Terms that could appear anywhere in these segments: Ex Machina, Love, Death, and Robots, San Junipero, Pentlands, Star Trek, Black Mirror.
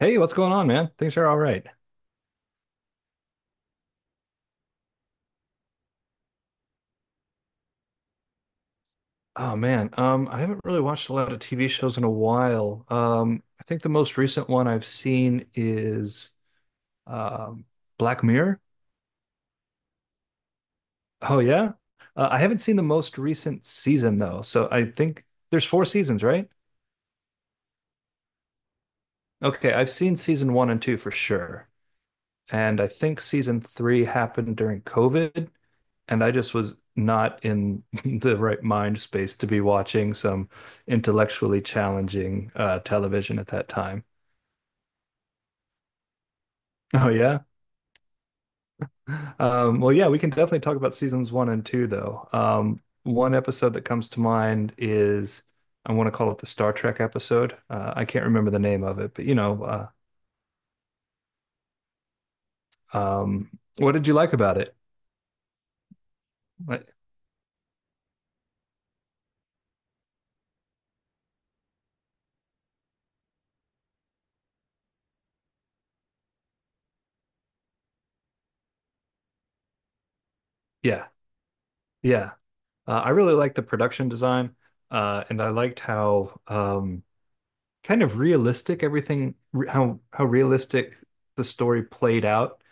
Hey, what's going on, man? Things are all right. Oh man, I haven't really watched a lot of TV shows in a while. I think the most recent one I've seen is um, Black Mirror. Oh yeah, I haven't seen the most recent season though, so I think there's four seasons, right? Okay, I've seen season one and two for sure. And I think season three happened during COVID, and I just was not in the right mind space to be watching some intellectually challenging television at that time. Oh yeah. Well, yeah, we can definitely talk about seasons one and two, though. One episode that comes to mind is I want to call it the Star Trek episode. I can't remember the name of it, but uh, um, what did you like about it? Ouais. Yeah, yeah. I really liked the production design, and I liked how kind of realistic everything, how realistic the story played out.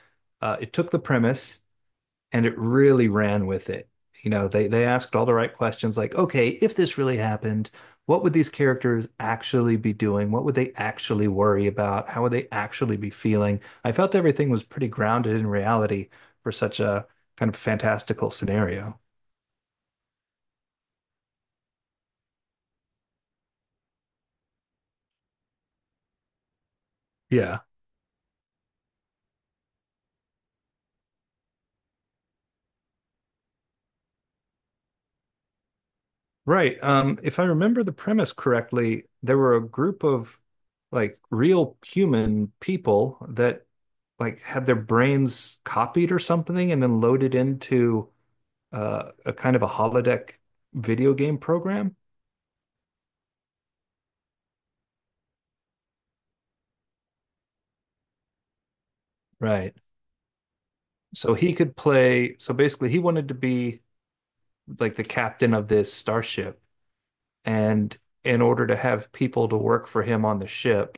It took the premise and it really ran with it. You know, they asked all the right questions like, okay, if this really happened, what would these characters actually be doing? What would they actually worry about? How would they actually be feeling? I felt everything was pretty grounded in reality for such a kind of fantastical scenario. Yeah. Right. If I remember the premise correctly, there were a group of like real human people that like had their brains copied or something and then loaded into a kind of a holodeck video game program. Right. So he could play. So basically, he wanted to be like the captain of this starship. And in order to have people to work for him on the ship,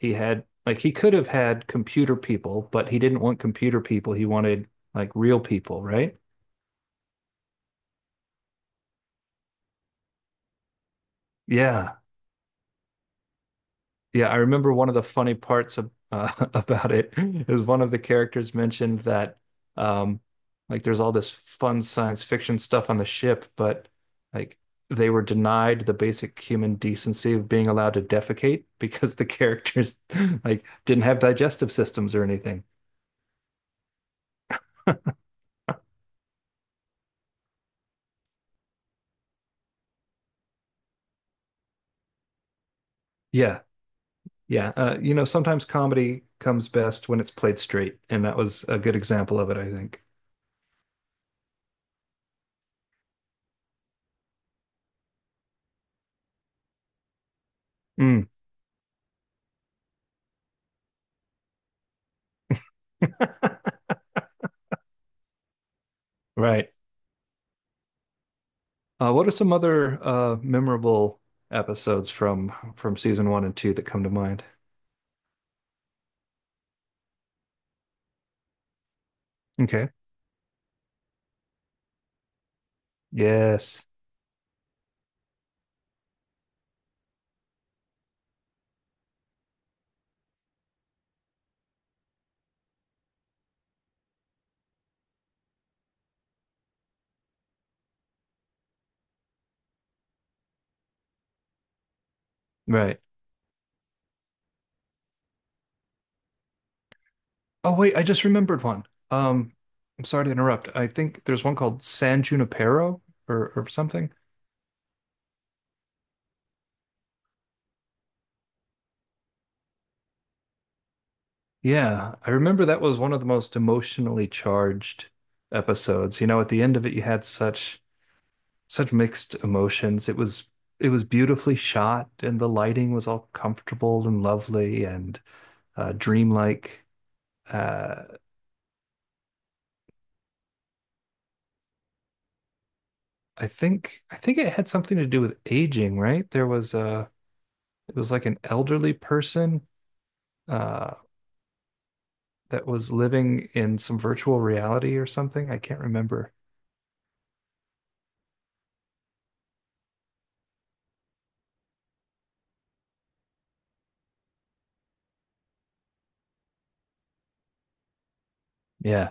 he had like he could have had computer people, but he didn't want computer people. He wanted like real people, right? Yeah. Yeah, I remember one of the funny parts of about it is one of the characters mentioned that um, like there's all this fun science fiction stuff on the ship, but like they were denied the basic human decency of being allowed to defecate because the characters like didn't have digestive systems or anything. Yeah, yeah. You know, sometimes comedy comes best when it's played straight, and that was a good example of it, I think. Mm, right. What are some other memorable episodes from season one and two that come to mind? Okay. Yes. Right. Oh wait, I just remembered one. Um, I'm sorry to interrupt. I think there's one called San Junipero or something. Yeah, I remember that was one of the most emotionally charged episodes. You know, at the end of it, you had such such mixed emotions. It was beautifully shot, and the lighting was all comfortable and lovely and dreamlike. Uh, I think it had something to do with aging, right? There was a it was like an elderly person uh that was living in some virtual reality or something. I can't remember. Yeah.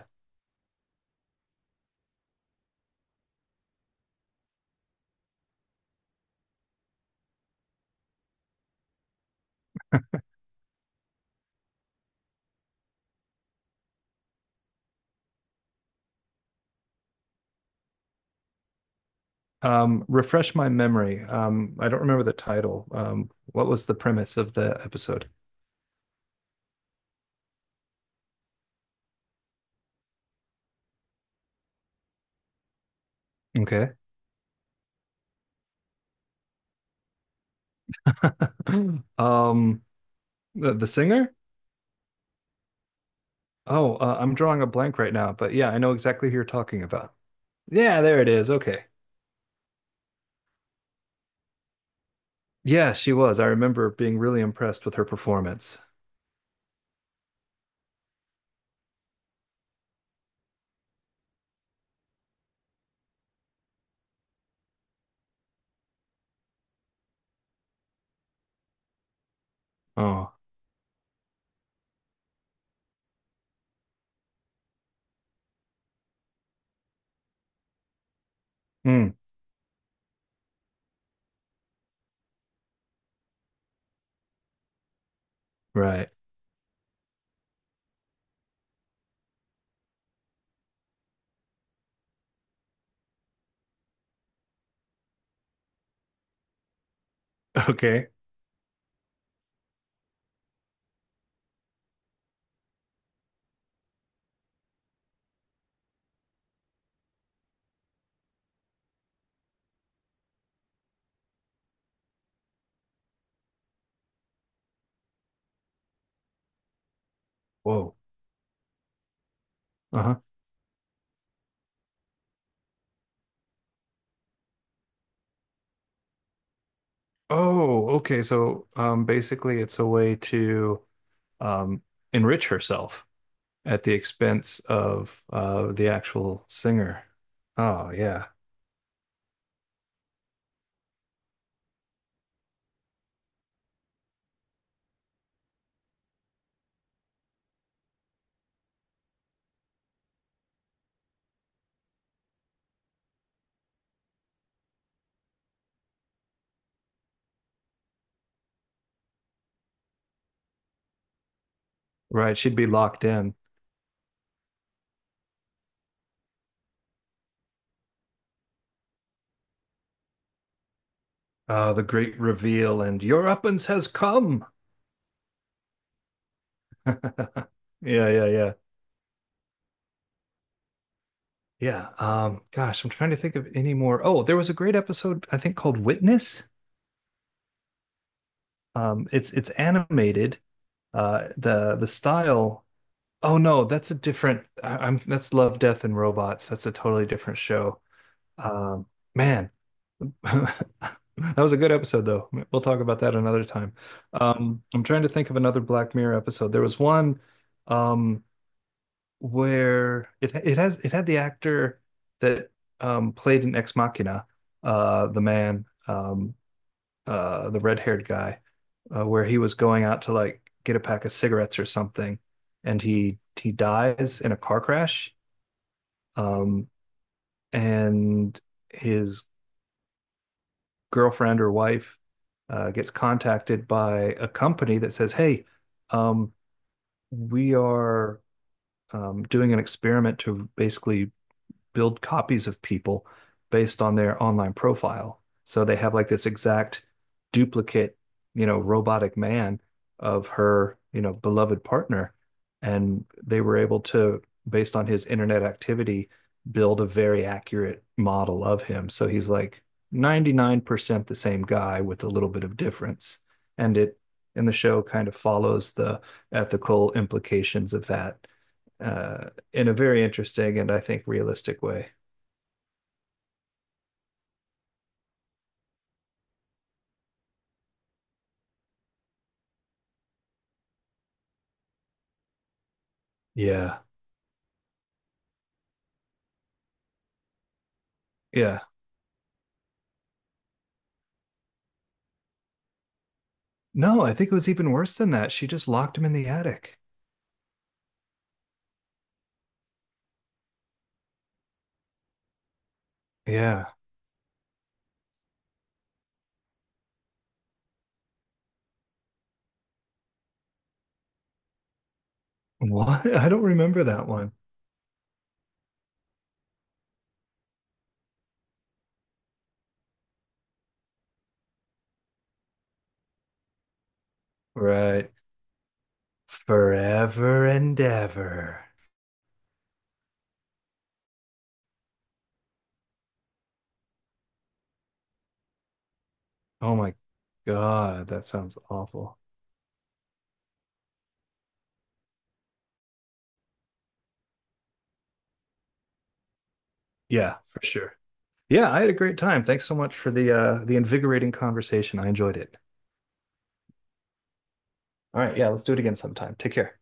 Refresh my memory. I don't remember the title. What was the premise of the episode? Okay. Um the singer? Oh, I'm drawing a blank right now, but yeah, I know exactly who you're talking about. Yeah, there it is. Okay. Yeah, she was. I remember being really impressed with her performance. Oh, mm, right. Okay. Whoa. Uh-huh. Oh, okay. So, basically, it's a way to um, enrich herself at the expense of the actual singer. Oh, yeah. Right. She'd be locked in. The great reveal and your uppance has come. Yeah, yeah, yeah. Yeah. Gosh, I'm trying to think of any more. Oh, there was a great episode, I think, called Witness. It's it's animated. The style Oh no, that's a different. I, I'm That's Love, Death, and Robots. That's a totally different show. Um, man, that was a good episode though. We'll talk about that another time. I'm trying to think of another Black Mirror episode. There was one um, where it had the actor that played in Ex Machina, the man. The red-haired guy, where he was going out to like get a pack of cigarettes or something, and he dies in a car crash, um, and his girlfriend or wife gets contacted by a company that says, "Hey, um, we are doing an experiment to basically build copies of people based on their online profile." So they have like this exact duplicate, you know, robotic man of her, you know, beloved partner. And they were able to, based on his internet activity, build a very accurate model of him. So he's like 99% the same guy with a little bit of difference. And it in the show kind of follows the ethical implications of that uh, in a very interesting and I think realistic way. Yeah. Yeah. No, I think it was even worse than that. She just locked him in the attic. Yeah. What? I don't remember that one. Right. Forever and ever. Oh my God, that sounds awful. Yeah, for sure. Yeah, I had a great time. Thanks so much for the invigorating conversation. I enjoyed it. All right, yeah, let's do it again sometime. Take care.